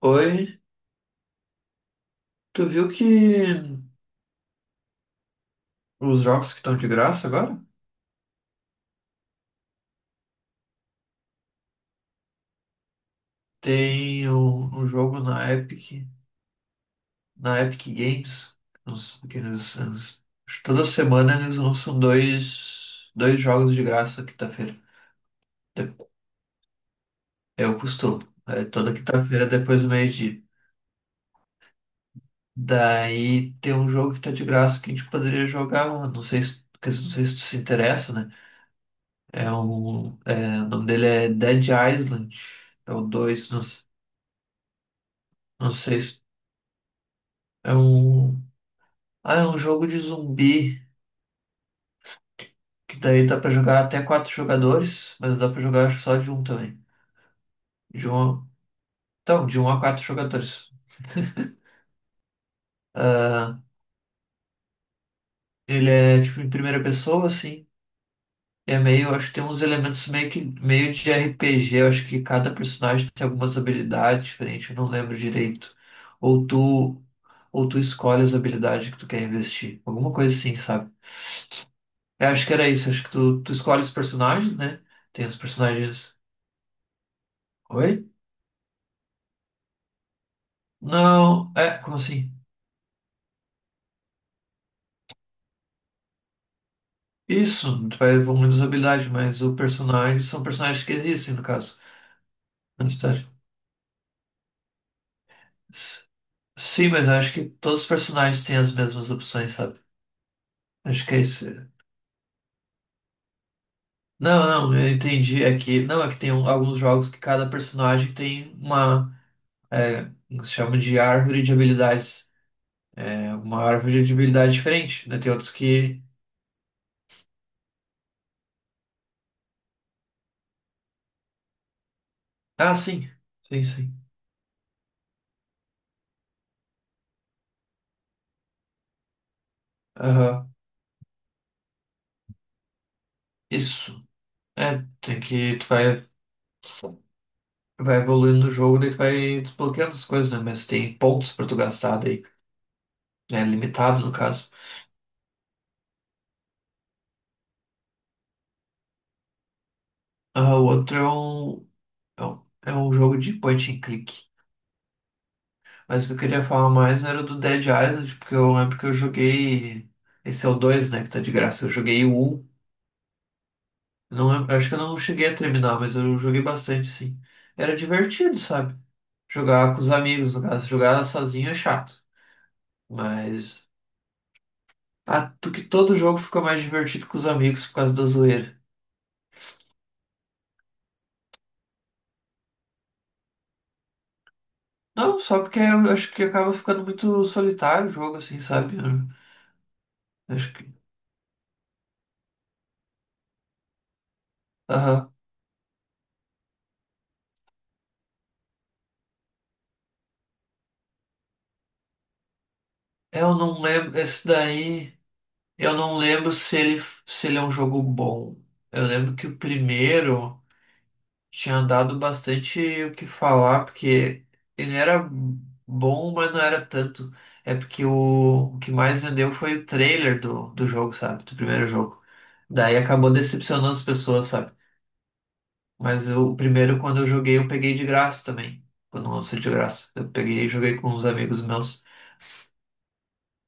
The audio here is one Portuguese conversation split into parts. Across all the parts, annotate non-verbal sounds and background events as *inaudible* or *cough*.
Oi, tu viu que os jogos que estão de graça agora? Tem um jogo na Epic Games, que toda semana eles lançam dois jogos de graça quinta-feira. De- É o costume. É toda quinta-feira depois do meio-dia. Daí tem um jogo que tá de graça que a gente poderia jogar, mano. Não sei se, quer dizer, não sei se tu se interessa, né? O nome dele é Dead Island. É o dois, não. Não sei se... É um, ah, é um jogo de zumbi, que daí dá pra jogar até quatro jogadores, mas dá pra jogar, acho, só de um também. De um, então, de um a quatro jogadores. Ah, ele é tipo em primeira pessoa, assim. É meio, acho que tem uns elementos meio que meio de RPG. Eu acho que cada personagem tem algumas habilidades diferentes, eu não lembro direito. Ou tu, ou tu escolhe as habilidades que tu quer investir. Alguma coisa assim, sabe? Eu acho que era isso, acho que tu escolhe os personagens, né? Tem os personagens. Oi? Não, é, como assim? Isso, tu vai evoluindo as habilidades, mas o personagem são personagens que existem, no caso. Na história. S- Sim, mas eu acho que todos os personagens têm as mesmas opções, sabe? Acho que é isso. Não, não, eu entendi. É que, não, é que tem alguns jogos que cada personagem tem uma, que se chama de árvore de habilidades. É uma árvore de habilidade diferente, né? Tem outros que. Ah, sim, sim, sim. Aham, isso. É, tem que, tu vai evoluindo o jogo, daí tu vai desbloqueando as coisas, né? Mas tem pontos pra tu gastar daí, né? Limitado, no caso. Ah, o outro é um, é um jogo de point and click. Mas o que eu queria falar mais era do Dead Island, porque eu lembro que eu joguei. Esse é o 2, né? Que tá de graça. Eu joguei o um. Não, acho que eu não cheguei a terminar, mas eu joguei bastante, sim. Era divertido, sabe? Jogar com os amigos, no caso. Jogar sozinho é chato. Mas. Ah, porque todo jogo fica mais divertido com os amigos por causa da zoeira. Não, só porque eu acho que acaba ficando muito solitário o jogo, assim, sabe? Eu acho que. Aham. Eu não lembro. Esse daí. Eu não lembro se ele, é um jogo bom. Eu lembro que o primeiro tinha dado bastante o que falar, porque ele era bom, mas não era tanto. É porque o que mais vendeu foi o trailer do jogo, sabe? Do primeiro jogo. Daí acabou decepcionando as pessoas, sabe? Mas o primeiro, quando eu joguei, eu peguei de graça também. Quando lançou de graça. Eu peguei e joguei com uns amigos meus.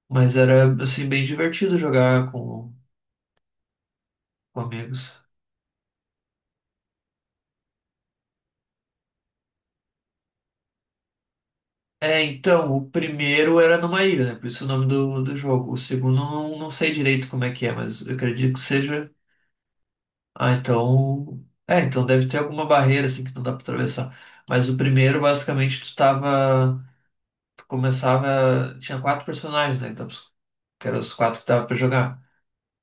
Mas era, assim, bem divertido jogar com amigos. É, então, o primeiro era numa ilha, né? Por isso o nome do jogo. O segundo, eu não sei direito como é que é, mas eu acredito que seja. Ah, então. É, então deve ter alguma barreira, assim, que não dá pra atravessar. Mas o primeiro, basicamente, tu tava. Tu começava. Tinha quatro personagens, né? Então, que eram os quatro que dava pra jogar.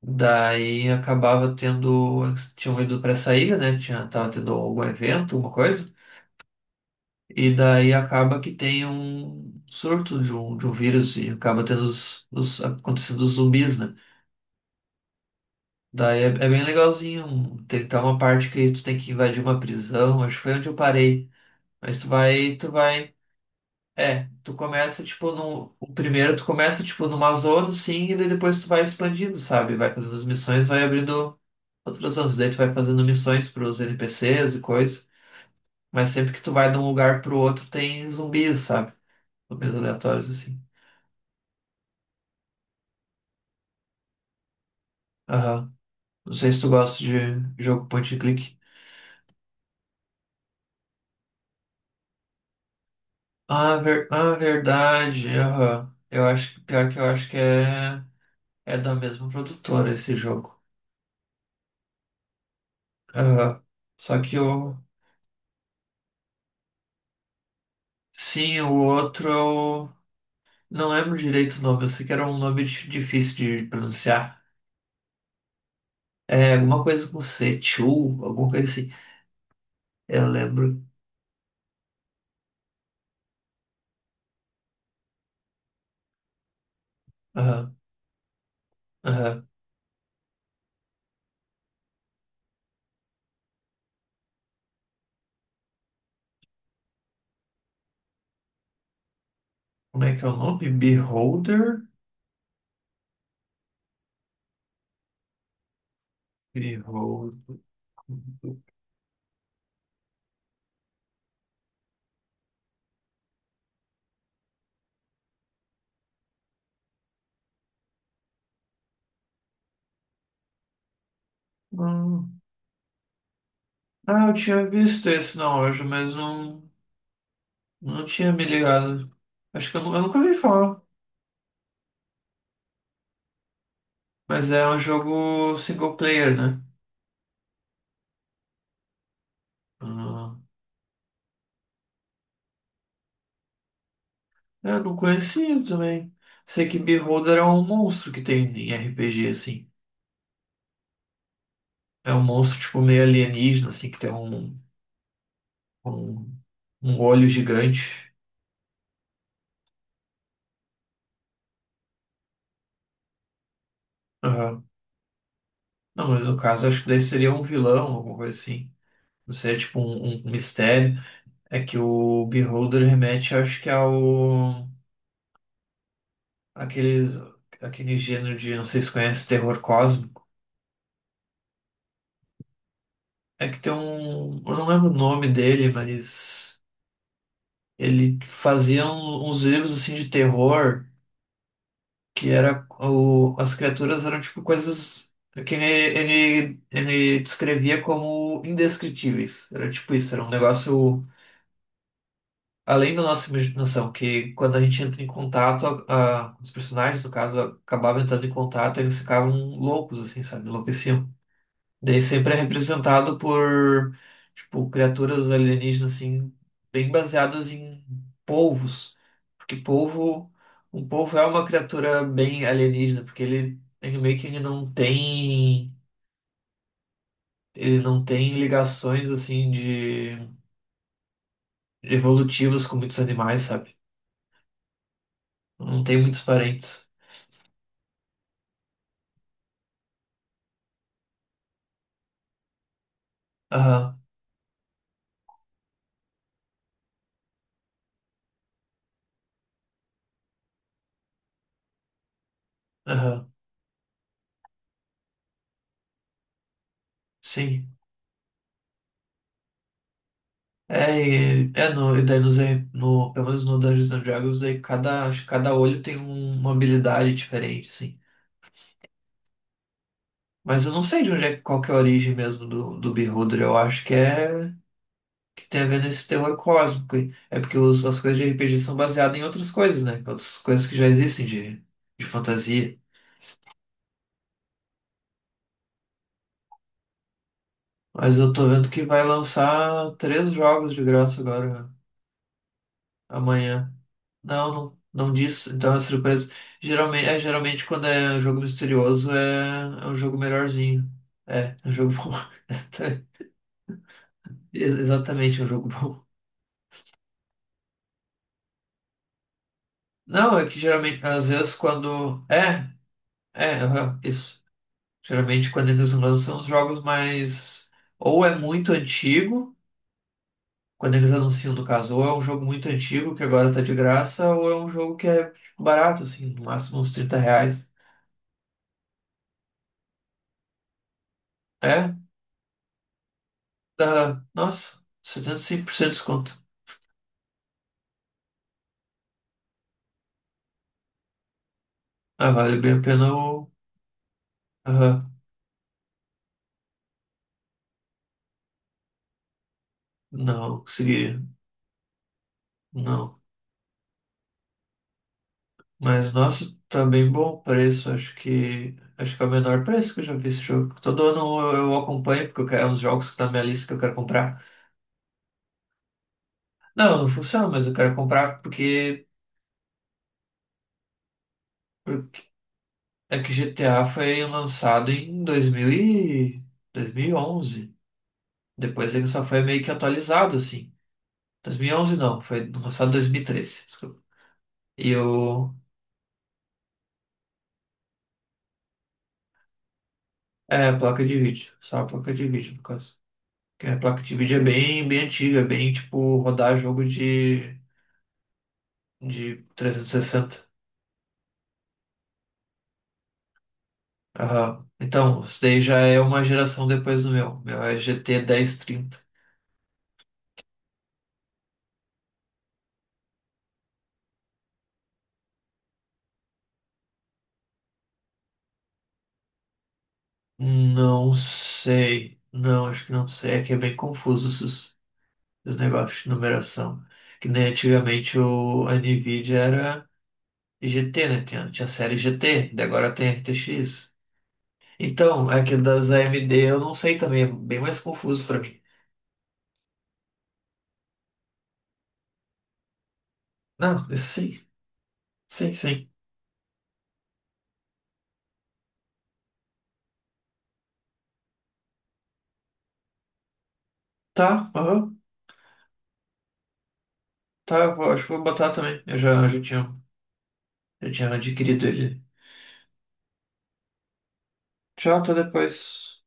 Daí acabava tendo. Eles tinham ido para essa ilha, né? Tinha, tava tendo algum evento, alguma coisa. E daí acaba que tem um surto de um vírus e acaba tendo os, acontecendo os zumbis, né? Daí é bem legalzinho. Tem uma parte que tu tem que invadir uma prisão. Acho que foi onde eu parei. Mas tu vai, tu vai. É, tu começa tipo no. O primeiro tu começa tipo numa zona, sim, e daí depois tu vai expandindo, sabe? Vai fazendo as missões, vai abrindo. Outros anos Daí tu vai fazendo missões pros NPCs e coisas, mas sempre que tu vai de um lugar pro outro tem zumbis, sabe? Zumbis aleatórios, assim. Aham. Não sei se tu gosta de jogo point and click. Ah, verdade. Aham. Eu acho que pior que eu acho que é da mesma produtora esse jogo. Aham. Só que o. Sim, o outro, eu. Não lembro direito o nome. Eu sei que era um nome difícil de pronunciar. É alguma coisa com C, Chu, alguma coisa assim. Eu lembro. Aham, aham. Como é que é o nome? Beholder? Beholder. Hum. Ah, eu tinha visto esse na loja, mas não tinha me ligado. Acho que eu, eu nunca ouvi falar. Mas é um jogo single player, né? Ah, eu não conhecia também. Sei que Beholder é um monstro que tem em RPG, assim. É um monstro, tipo, meio alienígena, assim, que tem um, um olho gigante. Aham. Não, mas no caso, acho que daí seria um vilão, alguma coisa assim. Não seria tipo um mistério. É que o Beholder remete, acho que ao. Aqueles, aquele gênero de, não sei se conhece, terror cósmico. É que tem um. Eu não lembro o nome dele, mas. Ele fazia uns livros assim de terror, que era. O, as criaturas eram tipo coisas. Que ele descrevia como indescritíveis. Era tipo isso, era um negócio. Além da nossa imaginação, que quando a gente entra em contato, os personagens, no caso, acabavam entrando em contato, eles ficavam loucos, assim, sabe? Enlouqueciam. Daí sempre é representado por, tipo, criaturas alienígenas, assim, bem baseadas em polvos. Porque polvo, um polvo é uma criatura bem alienígena, porque ele meio que ele não tem ligações, assim, de evolutivas com muitos animais, sabe? Não tem muitos parentes. Aham. Aham, sim. É, é no, e daí no, no, pelo menos no Dungeons and Dragons, daí cada, acho que cada olho tem uma habilidade diferente, assim. Mas eu não sei de onde é, qual que é a origem mesmo do Beholder. Eu acho que é que tem a ver nesse terror cósmico aí. É porque as coisas de RPG são baseadas em outras coisas, né? Outras coisas que já existem de fantasia. Mas eu tô vendo que vai lançar três jogos de graça agora, amanhã. Não, não, não disse. Então é surpresa. Geralmente, é, geralmente quando é um jogo misterioso é um jogo melhorzinho. É um jogo bom. *laughs* Exatamente, é um jogo bom. Não, é que geralmente, às vezes quando. É, é, aham, isso. Geralmente quando eles lançam os jogos mais. Ou é muito antigo, quando eles anunciam, no caso, ou é um jogo muito antigo que agora tá de graça, ou é um jogo que é tipo, barato, assim, no máximo uns 30 reais. É, dá, nossa, 75% de desconto. Ah, vale bem a pena o. Aham. Não, consegui. Não. Mas, nossa, tá bem bom o preço. Acho que. Acho que é o menor preço que eu já vi esse jogo. Todo ano eu acompanho, porque eu quero, é um dos jogos que tá na minha lista que eu quero comprar. Não, não funciona, mas eu quero comprar porque, porque é que GTA foi lançado em 2000 e... 2011. Depois ele só foi meio que atualizado, assim. 2011 não, foi lançado em 2013. Desculpa. E o. É, placa de vídeo. Só a placa de vídeo, no caso. Que é a placa de vídeo é bem, bem antiga, é bem tipo rodar jogo de 360. Aham. Então, isso daí já é uma geração depois do meu. Meu é GT 1030. Não sei. Não, acho que não sei. É que é bem confuso esses negócios de numeração. Que nem antigamente a Nvidia era GT, né? Tinha a série GT. Daí agora tem RTX. Então, é que das AMD eu não sei também. É bem mais confuso pra mim. Não, isso sim. Sim, sim. Tá, aham, tá, acho que vou botar também. Eu já, já tinha adquirido ele. Tchau, até depois.